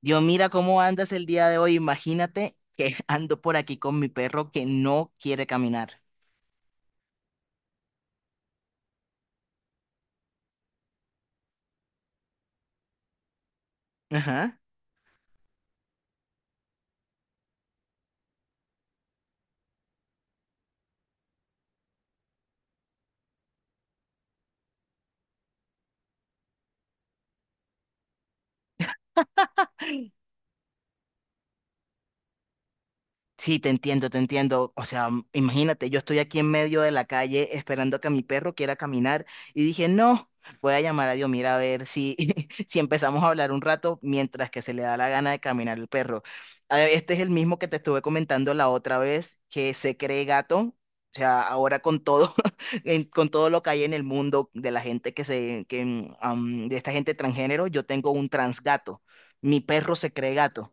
Dios, mira cómo andas el día de hoy. Imagínate que ando por aquí con mi perro que no quiere caminar. Ajá. Sí, te entiendo, te entiendo. O sea, imagínate, yo estoy aquí en medio de la calle esperando que mi perro quiera caminar y dije, no, voy a llamar a Dios, mira, a ver si, si empezamos a hablar un rato mientras que se le da la gana de caminar el perro. A ver, este es el mismo que te estuve comentando la otra vez, que se cree gato. O sea, ahora con todo, con todo lo que hay en el mundo de la gente que se, que, mm, am, de esta gente transgénero, yo tengo un transgato. Mi perro se cree gato.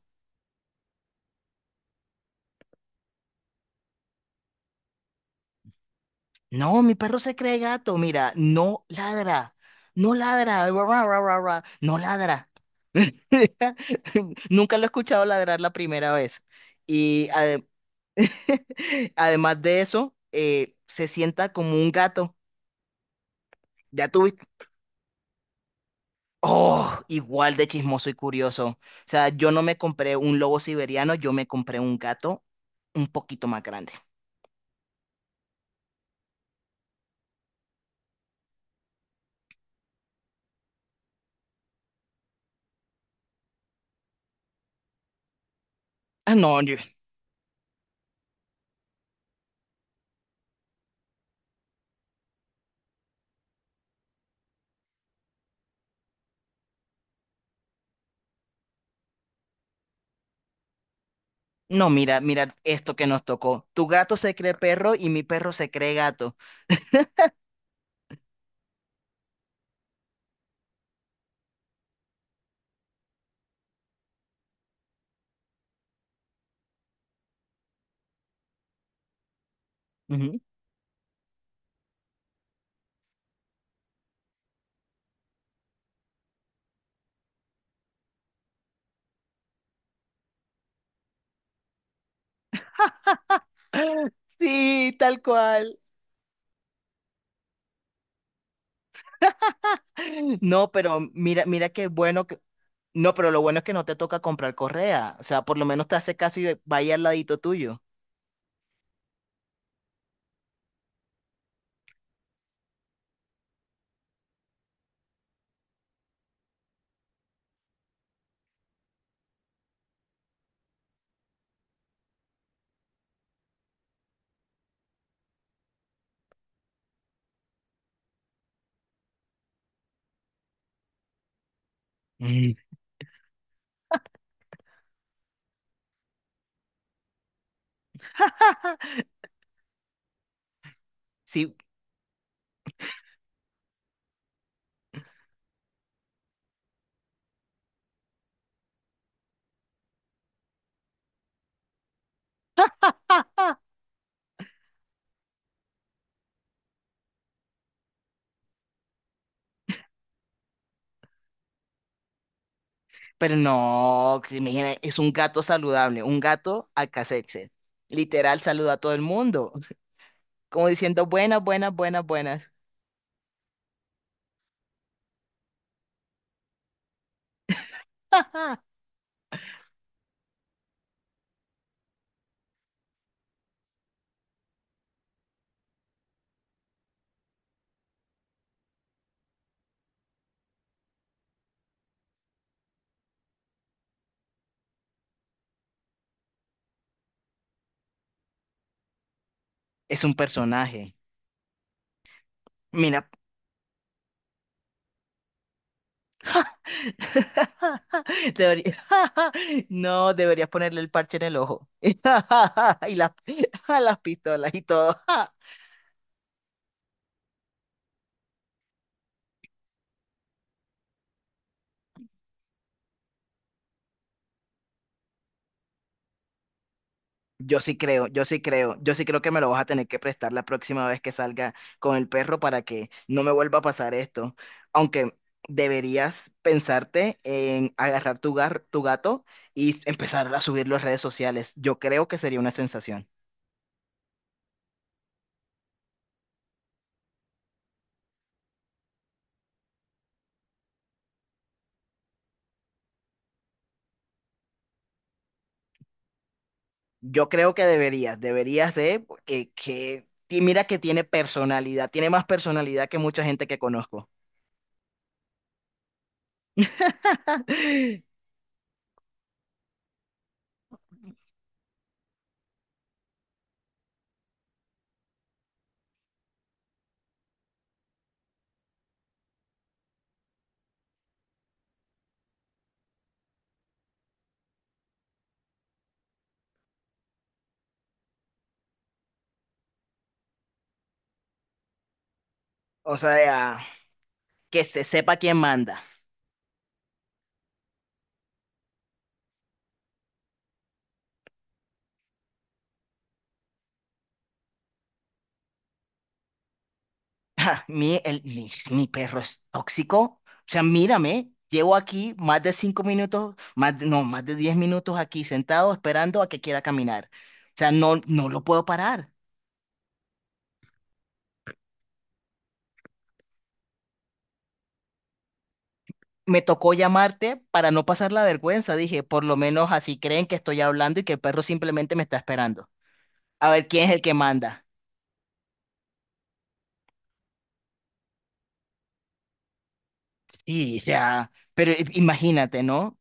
No, mi perro se cree gato, mira, no ladra, no ladra, ra, ra, ra, ra, ra, no ladra. Nunca lo he escuchado ladrar la primera vez. Y ade- Además de eso, se sienta como un gato. Ya tuviste. Oh, igual de chismoso y curioso. O sea, yo no me compré un lobo siberiano, yo me compré un gato un poquito más grande. Ah, no, yo- no, mira, mira esto que nos tocó. Tu gato se cree perro y mi perro se cree gato. Ujú. Sí, tal cual. No, pero mira, mira qué bueno que... No, pero lo bueno es que no te toca comprar correa. O sea, por lo menos te hace caso y vaya al ladito tuyo. Mm. Sí, pero no, que se imagina, es un gato saludable, un gato al alcacelser. Literal, saluda a todo el mundo, como diciendo buenas, buenas, buenas, buenas. Es un personaje. Mira, Debería- no, deberías ponerle el parche en el ojo. Y las, las pistolas y todo. Yo sí creo, yo sí creo que me lo vas a tener que prestar la próxima vez que salga con el perro para que no me vuelva a pasar esto. Aunque deberías pensarte en agarrar tu gato y empezar a subirlo a redes sociales. Yo creo que sería una sensación. Yo creo que deberías, y mira que tiene personalidad, tiene más personalidad que mucha gente que conozco. O sea, que se sepa quién manda. Ja, mi perro es tóxico. O sea, mírame, llevo aquí más de 5 minutos, no, más de 10 minutos aquí sentado esperando a que quiera caminar. O sea, no, no lo puedo parar. Me tocó llamarte para no pasar la vergüenza. Dije, por lo menos así creen que estoy hablando y que el perro simplemente me está esperando. A ver quién es el que manda. Imagínate, ¿no?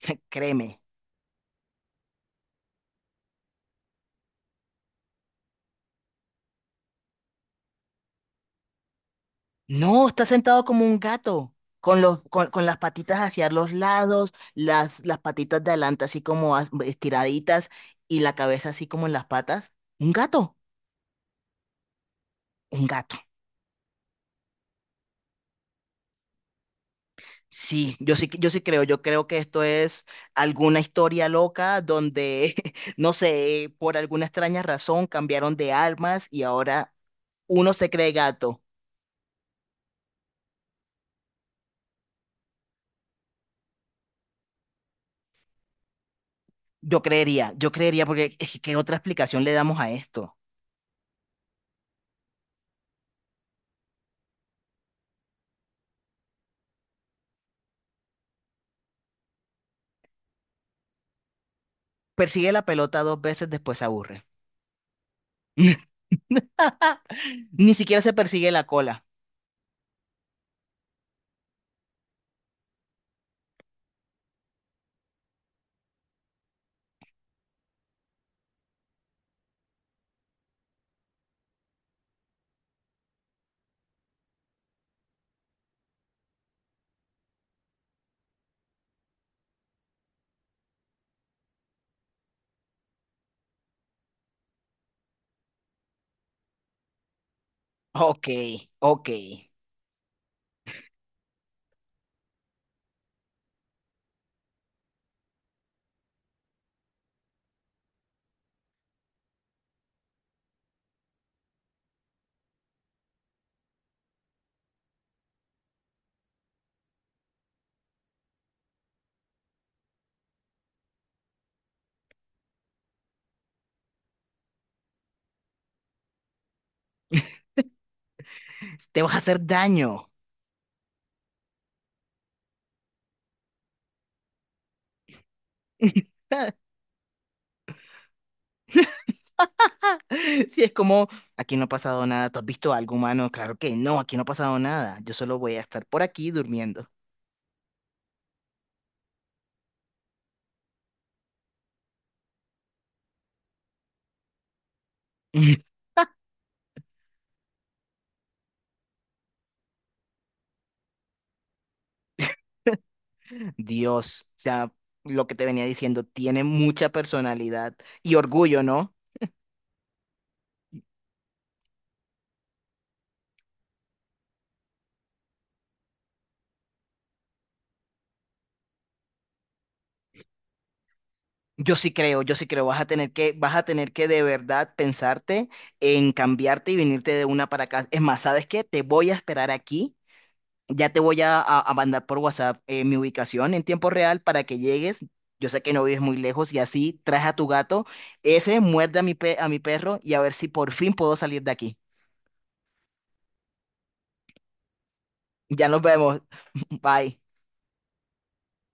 Créeme. No, está sentado como un gato, con las patitas hacia los lados, las patitas de adelante así como estiraditas y la cabeza así como en las patas. Un gato, un gato. Sí, yo creo que esto es alguna historia loca donde, no sé, por alguna extraña razón cambiaron de armas y ahora uno se cree gato. Yo creería, porque es que, ¿qué otra explicación le damos a esto? Persigue la pelota 2 veces, después se aburre. Ni siquiera se persigue la cola. Ok, ok. Te vas a hacer daño. Si es como, aquí no ha pasado nada. ¿Tú has visto algo humano? Claro que no, aquí no ha pasado nada. Yo solo voy a estar por aquí durmiendo. Dios, o sea, lo que te venía diciendo, tiene mucha personalidad y orgullo, ¿no? Yo sí creo, vas a tener que, vas a tener que de verdad pensarte en cambiarte y venirte de una para acá. Es más, ¿sabes qué? Te voy a esperar aquí, ya te voy a, a mandar por WhatsApp mi ubicación en tiempo real para que llegues. Yo sé que no vives muy lejos y así traes a tu gato, ese muerde a a mi perro y a ver si por fin puedo salir de aquí. Ya nos vemos. Bye.